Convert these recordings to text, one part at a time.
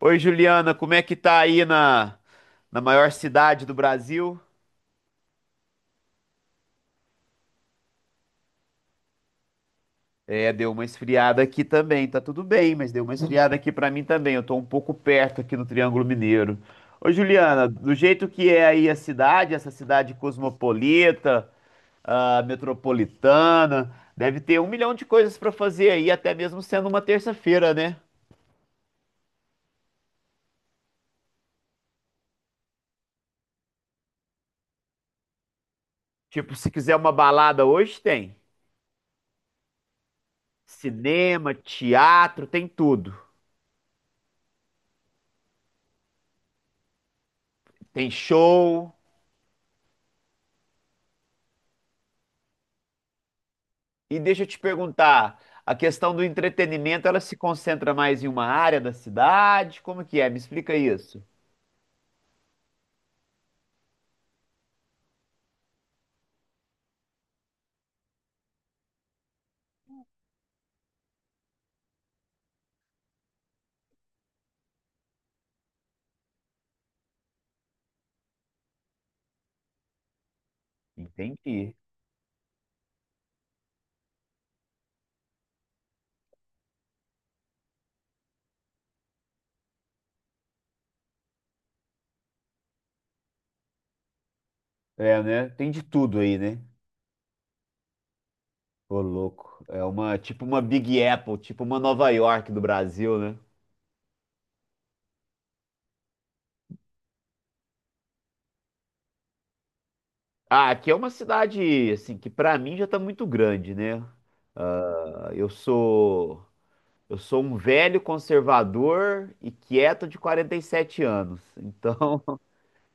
Oi, Juliana, como é que tá aí na maior cidade do Brasil? É, deu uma esfriada aqui também, tá tudo bem, mas deu uma esfriada aqui pra mim também. Eu tô um pouco perto aqui no Triângulo Mineiro. Ô, Juliana, do jeito que é aí a cidade, essa cidade cosmopolita, metropolitana, deve ter 1 milhão de coisas pra fazer aí, até mesmo sendo uma terça-feira, né? Tipo, se quiser uma balada hoje, tem. Cinema, teatro, tem tudo. Tem show. E deixa eu te perguntar, a questão do entretenimento, ela se concentra mais em uma área da cidade? Como que é? Me explica isso. Entendi. É, né? Tem de tudo aí, né? Ô, louco. É uma, tipo uma Big Apple, tipo uma Nova York do Brasil, né? Ah, aqui é uma cidade, assim, que pra mim já tá muito grande, né? Ah, eu sou, eu sou um velho conservador e quieto de 47 anos. Então,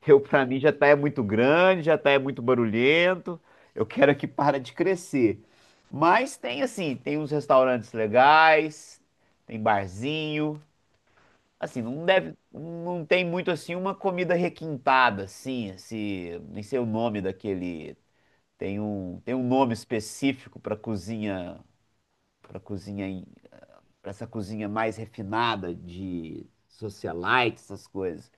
eu, pra mim, já tá é muito grande, já tá é muito barulhento. Eu quero é que para de crescer. Mas tem assim, tem uns restaurantes legais, tem barzinho. Assim, não deve, não tem muito assim uma comida requintada, assim, esse, nem sei o nome daquele. Tem um nome específico para cozinha, para cozinha, para essa cozinha mais refinada de socialite, essas coisas.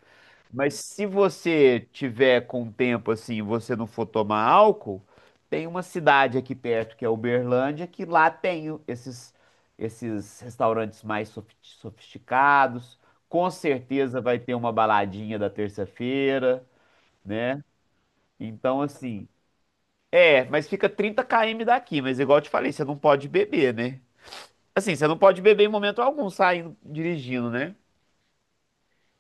Mas se você tiver com tempo assim, e você não for tomar álcool, tem uma cidade aqui perto que é Uberlândia, que lá esses restaurantes mais sofisticados. Com certeza vai ter uma baladinha da terça-feira, né? Então assim, é, mas fica 30 km daqui, mas igual eu te falei, você não pode beber, né? Assim, você não pode beber em momento algum saindo dirigindo, né?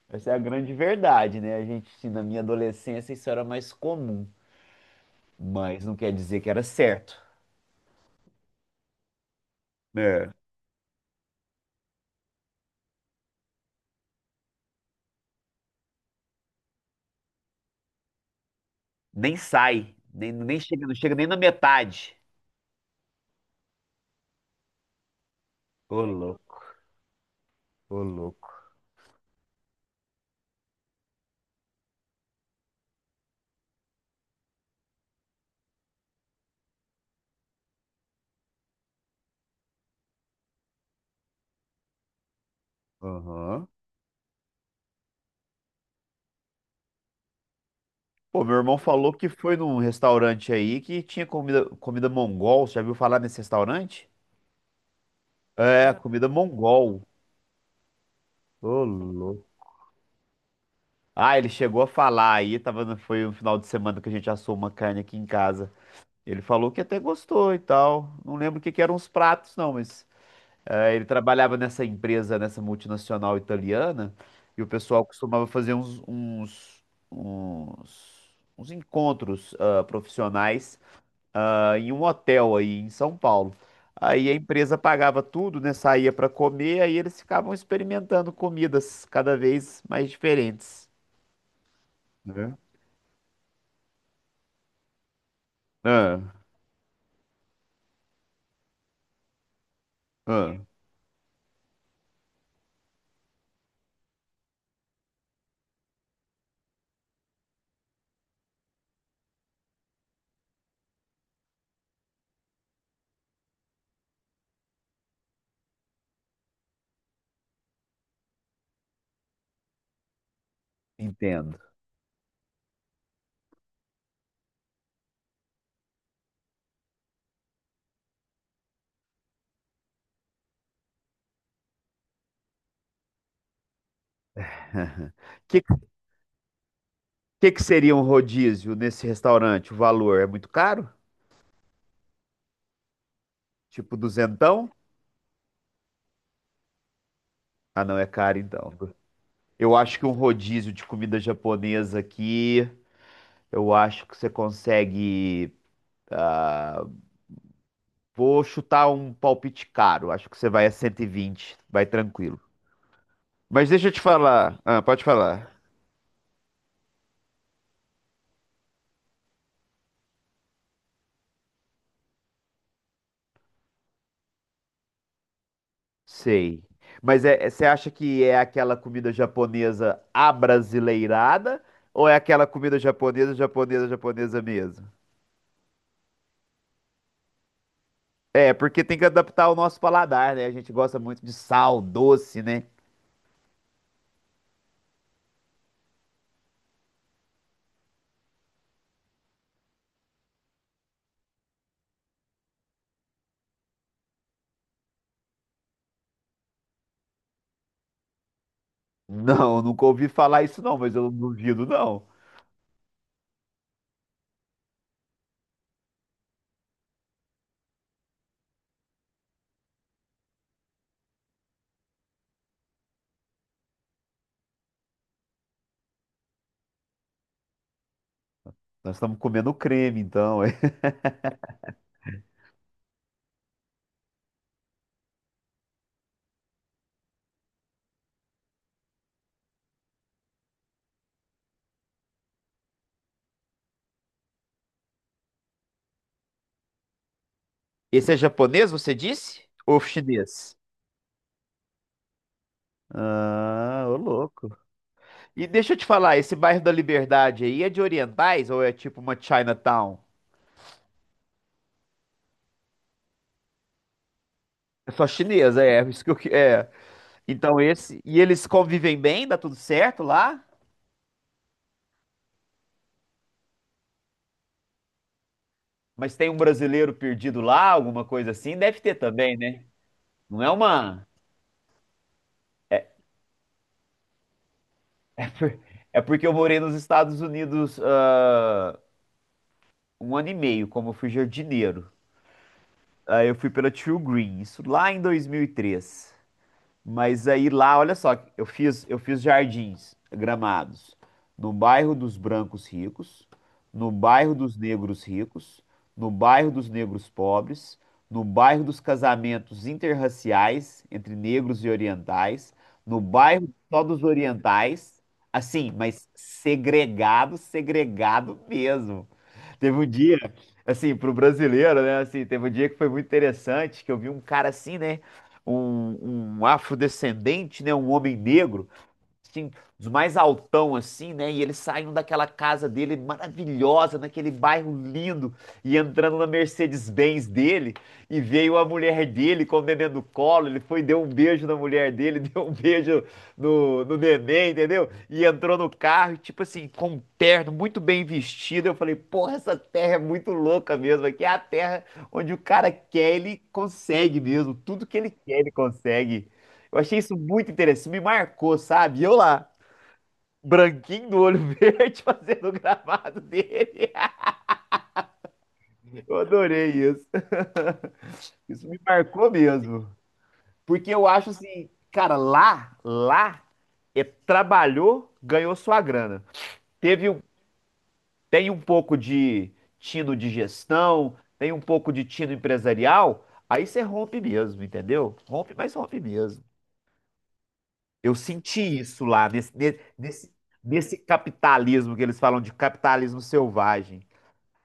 Essa é a grande verdade, né? A gente, assim, na minha adolescência, isso era mais comum, mas não quer dizer que era certo. É. Nem sai, nem, nem chega, não chega nem na metade. Ô, louco, ô, louco. Aham. Pô, meu irmão falou que foi num restaurante aí que tinha comida mongol. Você já viu falar nesse restaurante? É, comida mongol. Ô, louco. Ah, ele chegou a falar aí, tava, no- foi um final de semana que a gente assou uma carne aqui em casa. Ele falou que até gostou e tal. Não lembro o que que eram os pratos, não, mas é, ele trabalhava nessa empresa, nessa multinacional italiana, e o pessoal costumava fazer uns encontros profissionais em um hotel aí em São Paulo. Aí a empresa pagava tudo, né? Saía para comer, aí eles ficavam experimentando comidas cada vez mais diferentes. Ah, ah, entendo. Que, que seria um rodízio nesse restaurante? O valor é muito caro? Tipo duzentão? Ah, não, é caro então. Eu acho que um rodízio de comida japonesa aqui, eu acho que você consegue. ah, Vou chutar um palpite caro. Acho que você vai a 120, vai tranquilo. Mas deixa eu te falar. Ah, pode falar. Sei. Mas você acha que é aquela comida japonesa abrasileirada ou é aquela comida japonesa mesmo? É, porque tem que adaptar o nosso paladar, né? A gente gosta muito de sal, doce, né? Não, nunca ouvi falar isso não, mas eu não duvido não. Nós estamos comendo creme, então. É. Esse é japonês, você disse? Ou chinês? Ah, ô louco. E deixa eu te falar, esse bairro da Liberdade aí é de orientais ou é tipo uma Chinatown? É só chinesa, é, é. Então esse, e eles convivem bem, dá tudo certo lá? Mas tem um brasileiro perdido lá, alguma coisa assim? Deve ter também, né? Não é uma. É porque eu morei nos Estados Unidos, um ano e meio como eu fui jardineiro. Aí eu fui pela True Green, isso lá em dois mil e três. Mas aí lá, olha só, eu fiz jardins gramados no bairro dos brancos ricos, no bairro dos negros ricos, no bairro dos negros pobres, no bairro dos casamentos interraciais entre negros e orientais, no bairro só dos orientais, assim, mas segregado, segregado mesmo. Teve um dia, assim, pro brasileiro, né? Assim, teve um dia que foi muito interessante, que eu vi um cara assim, né? Um afrodescendente, né? Um homem negro assim, dos mais altão, assim, né? E eles saindo daquela casa dele maravilhosa, naquele bairro lindo, e entrando na Mercedes-Benz dele, e veio a mulher dele com o neném no colo, ele foi, deu um beijo na mulher dele, deu um beijo no neném, entendeu? E entrou no carro, e, tipo assim, com um terno, muito bem vestido. Eu falei, porra, essa terra é muito louca mesmo, aqui é a terra onde o cara quer, ele consegue mesmo, tudo que ele quer, ele consegue. Eu achei isso muito interessante, me marcou, sabe? E eu lá, branquinho do olho verde, fazendo o gravado dele. Eu adorei isso. Isso me marcou mesmo. Porque eu acho assim, cara, é, trabalhou, ganhou sua grana. Teve, um- Tem um pouco de tino de gestão, tem um pouco de tino empresarial, aí você rompe mesmo, entendeu? Rompe, mas rompe mesmo. Eu senti isso lá, nesse capitalismo que eles falam de capitalismo selvagem.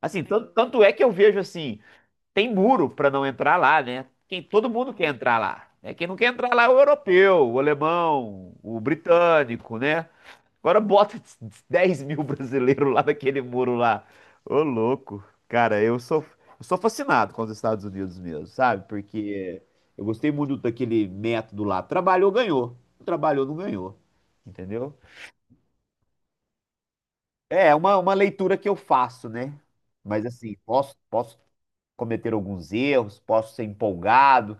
Assim, tanto é que eu vejo assim, tem muro para não entrar lá, né? Quem, todo mundo quer entrar lá. Né? Quem não quer entrar lá é o europeu, o alemão, o britânico, né? Agora bota 10 mil brasileiros lá naquele muro lá. Ô, louco. Cara, eu sou fascinado com os Estados Unidos mesmo, sabe? Porque eu gostei muito daquele método lá. Trabalhou, ganhou. Não trabalhou, não ganhou. Entendeu? É uma leitura que eu faço, né? Mas assim, posso cometer alguns erros, posso ser empolgado,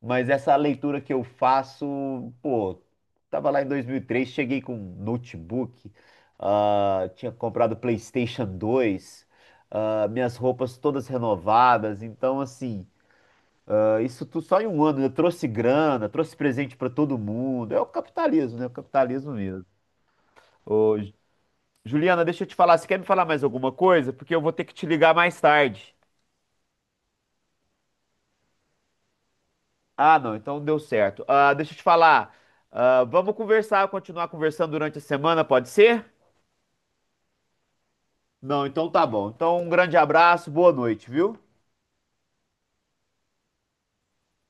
mas essa leitura que eu faço, pô, tava lá em 2003, cheguei com um notebook, tinha comprado PlayStation 2, minhas roupas todas renovadas, então assim, isso tudo só em um ano, eu trouxe grana, trouxe presente pra todo mundo, é o capitalismo, né? O capitalismo mesmo. Ô, Juliana, deixa eu te falar, você quer me falar mais alguma coisa? Porque eu vou ter que te ligar mais tarde. Ah, não, então deu certo. Ah, deixa eu te falar. Ah, vamos conversar, continuar conversando durante a semana, pode ser? Não, então tá bom. Então, um grande abraço, boa noite, viu?